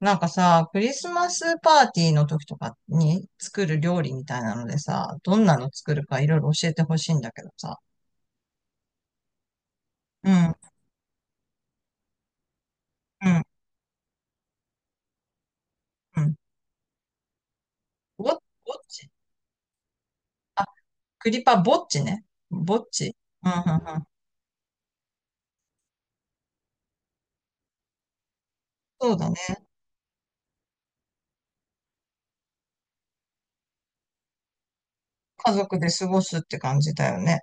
なんかさ、クリスマスパーティーの時とかに作る料理みたいなのでさ、どんなの作るかいろいろ教えてほしいんだけどさ。うん、うん、うん。ぼ、ぼっちクリパぼっちね。ぼっち。うん、うん、うん。そうだね。家族で過ごすって感じだよね。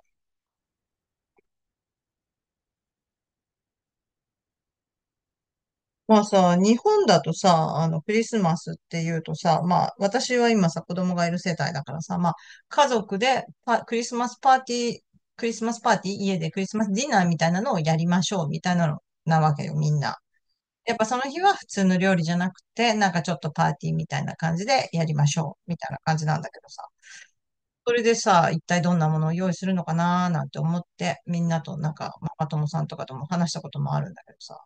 まあさ、日本だとさ、あの、クリスマスっていうとさ、まあ、私は今さ、子供がいる世帯だからさ、まあ、家族でパクリスマスパーティー、クリスマスパーティー、家でクリスマスディナーみたいなのをやりましょう、みたいなの、なわけよ、みんな。やっぱその日は普通の料理じゃなくて、なんかちょっとパーティーみたいな感じでやりましょう、みたいな感じなんだけどさ。それでさ、一体どんなものを用意するのかなーなんて思って、みんなとなんか、ママ友さんとかとも話したこともあるんだけどさ。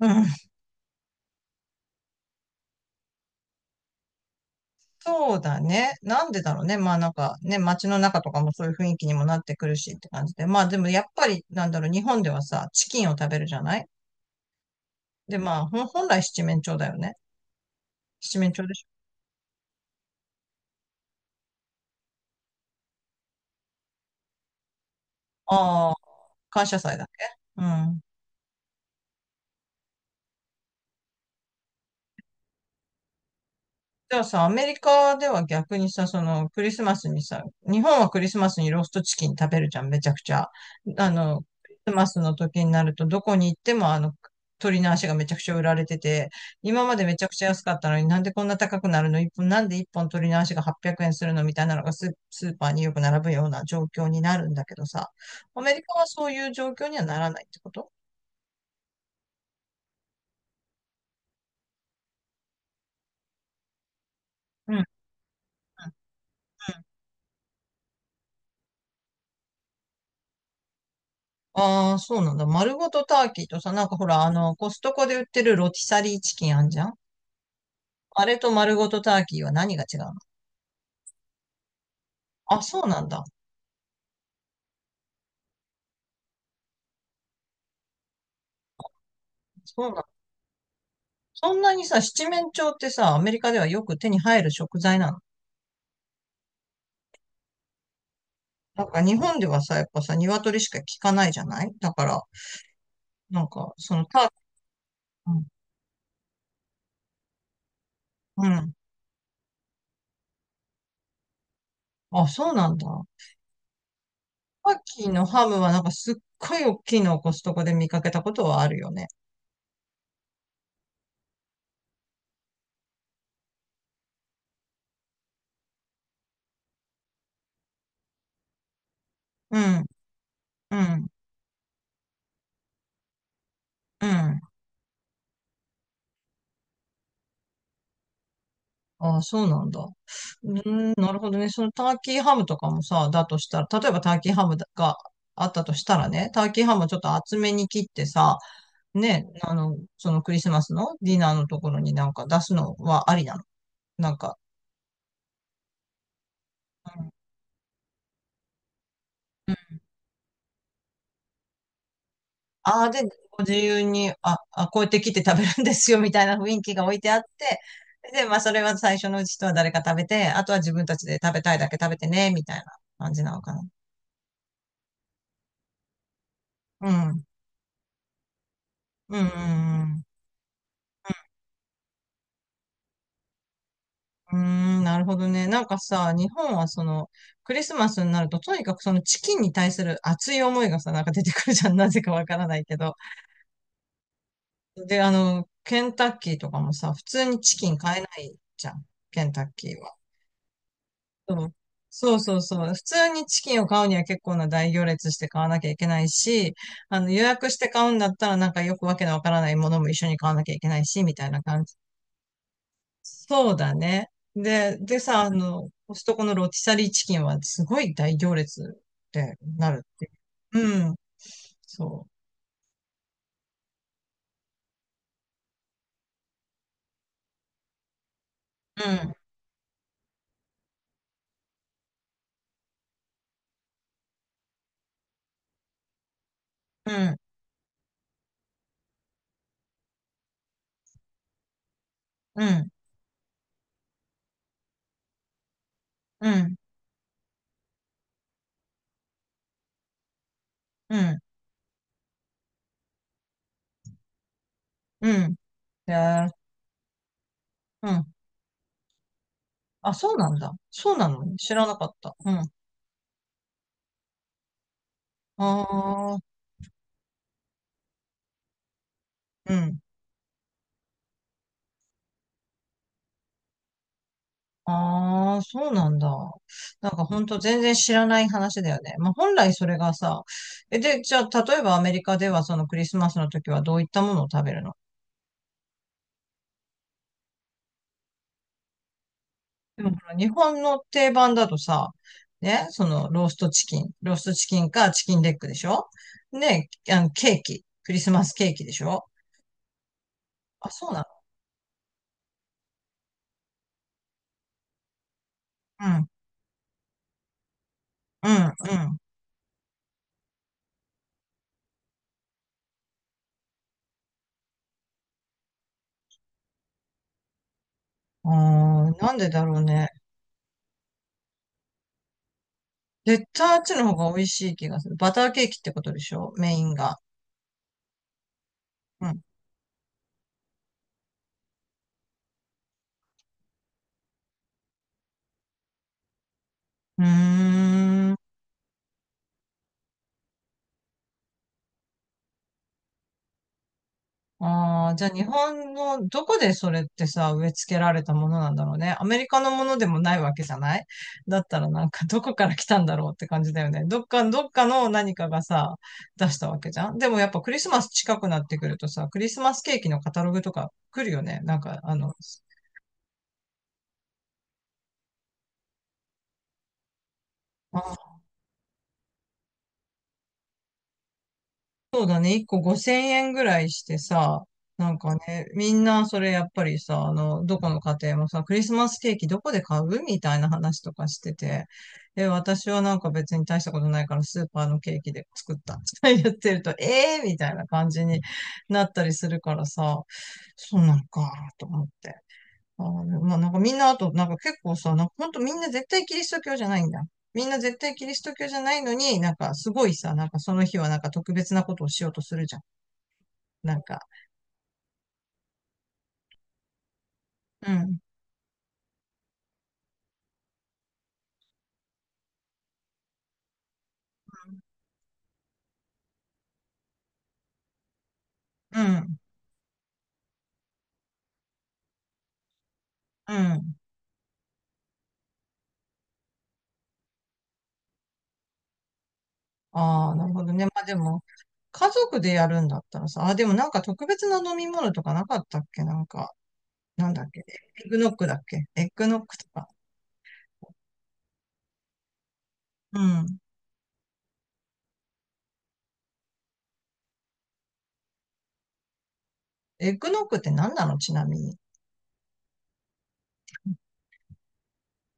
うん。そうだね。なんでだろうね。まあなんかね、街の中とかもそういう雰囲気にもなってくるしって感じで。まあでもやっぱりなんだろう、日本ではさ、チキンを食べるじゃない？で、まあ本来七面鳥だよね。七面鳥でしょ？ああー、感謝祭だっけ？うん。じゃあさ、アメリカでは逆にさ、そのクリスマスにさ、日本はクリスマスにローストチキン食べるじゃん、めちゃくちゃ。あの、クリスマスの時になるとどこに行ってもあの、鳥の足がめちゃくちゃ売られてて、今までめちゃくちゃ安かったのになんでこんな高くなるの一本、なんで一本鳥の足が800円するのみたいなのがスーパーによく並ぶような状況になるんだけどさ、アメリカはそういう状況にはならないってこと？うん。ああ、そうなんだ。丸ごとターキーとさ、なんかほら、あの、コストコで売ってるロティサリーチキンあんじゃん？あれと丸ごとターキーは何が違うの？あ、そうなんだ。そうなんだ。そんなにさ、七面鳥ってさ、アメリカではよく手に入る食材なの？なんか日本ではさ、やっぱさ、鶏しか効かないじゃない、だから、なんか、そのターキー、うん。うん。あ、そうなんだ。ターキーのハムはなんかすっごい大きいのをコストコで見かけたことはあるよね。うん、うん、うん。ああ、そうなんだ。うーん、なるほどね。そのターキーハムとかもさ、だとしたら、例えばターキーハムがあったとしたらね、ターキーハムをちょっと厚めに切ってさ、ね、あの、そのクリスマスのディナーのところになんか出すのはありなの？なんか、うん、ああ、で、ご自由に、あ、あ、こうやって切って食べるんですよ、みたいな雰囲気が置いてあって、で、まあ、それは最初のうちとは誰か食べて、あとは自分たちで食べたいだけ食べてね、みたいな感じなのかな。うん。うん、うん、うん。うーん、なるほどね。なんかさ、日本はその、クリスマスになると、とにかくそのチキンに対する熱い思いがさ、なんか出てくるじゃん。なぜかわからないけど。で、あの、ケンタッキーとかもさ、普通にチキン買えないじゃん。ケンタッキーは。そうそうそうそう。普通にチキンを買うには結構な大行列して買わなきゃいけないし、あの、予約して買うんだったらなんかよくわけのわからないものも一緒に買わなきゃいけないし、みたいな感。そうだね。で、でさ、あの、コストコのロティサリーチキンはすごい大行列ってなるって。うん。そう。うん、うん、うん、うん、うん、うん。へえ。うん。あ、そうなんだ。そうなの知らなかった。うん。ああ、うん。ああ、そうなんだ。なんかほんと全然知らない話だよね。まあ本来それがさ、え、で、じゃあ例えばアメリカではそのクリスマスの時はどういったものを食べるの？でもほら日本の定番だとさ、ね、そのローストチキン、ローストチキンかチキンレッグでしょ？ね、あのケーキ、クリスマスケーキでしょ？あ、そうなの？うん、うん、うん。あー、なんでだろうね。絶対あっちの方が美味しい気がする。バターケーキってことでしょ？メインが。うん。うーん。ああ、じゃあ日本のどこでそれってさ、植え付けられたものなんだろうね。アメリカのものでもないわけじゃない？だったらなんか どこから来たんだろうって感じだよね。どっか、どっかの何かがさ、出したわけじゃん。でもやっぱクリスマス近くなってくるとさ、クリスマスケーキのカタログとか来るよね。なんかあの、あ、そうだね、1個5000円ぐらいしてさ、なんかね、みんなそれやっぱりさ、あの、どこの家庭もさ、クリスマスケーキどこで買うみたいな話とかしてて、で、私はなんか別に大したことないからスーパーのケーキで作ったって言 ってると、ええー、みたいな感じになったりするからさ、そうなのか、と思って。あーまあ、なんかみんなあと、なんか結構さ、なんかほんとみんな絶対キリスト教じゃないんだ。みんな絶対キリスト教じゃないのに、なんかすごいさ、なんかその日はなんか特別なことをしようとするじゃん。なんか、うん、うん、うん。ああ、なるほどね。まあでも、家族でやるんだったらさ、あ、でもなんか特別な飲み物とかなかったっけ？なんか、なんだっけ、エッグノックだっけ、エッグノックとか。うん。エッグノックって何なの？ちなみに。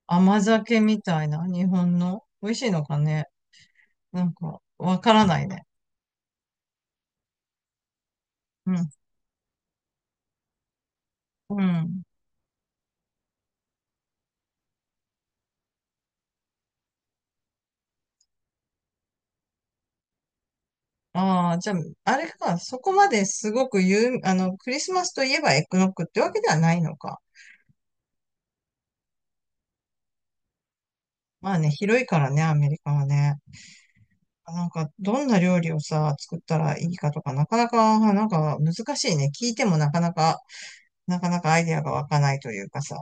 甘酒みたいな、日本の。美味しいのかね？なんか、わからないね。うん。うん。ああ、じゃあ、あれか、そこまですごく有、あの、クリスマスといえばエッグノックってわけではないのか。まあね、広いからね、アメリカはね。なんか、どんな料理をさ、作ったらいいかとか、なかなか、なんか難しいね。聞いてもなかなか、なかなかアイデアが湧かないというかさ、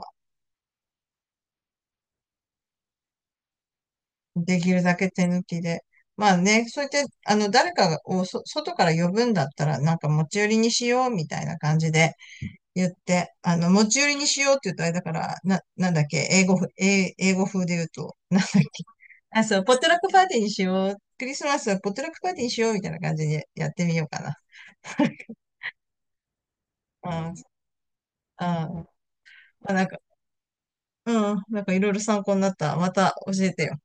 できるだけ手抜きで。まあね、そうやって、あの、誰かをそ、外から呼ぶんだったら、なんか持ち寄りにしようみたいな感じで、言って、あの、持ち寄りにしようって言うとあれだから、なんだっけ、英語風で言うと、なんだっけ。あ、そう、ポットラックパーティーにしよう。クリスマスはポットラックパーティーにしようみたいな感じでやってみようかな。うん。あ、まあ、なんか、うん、なんかいろいろ参考になった。また教えてよ。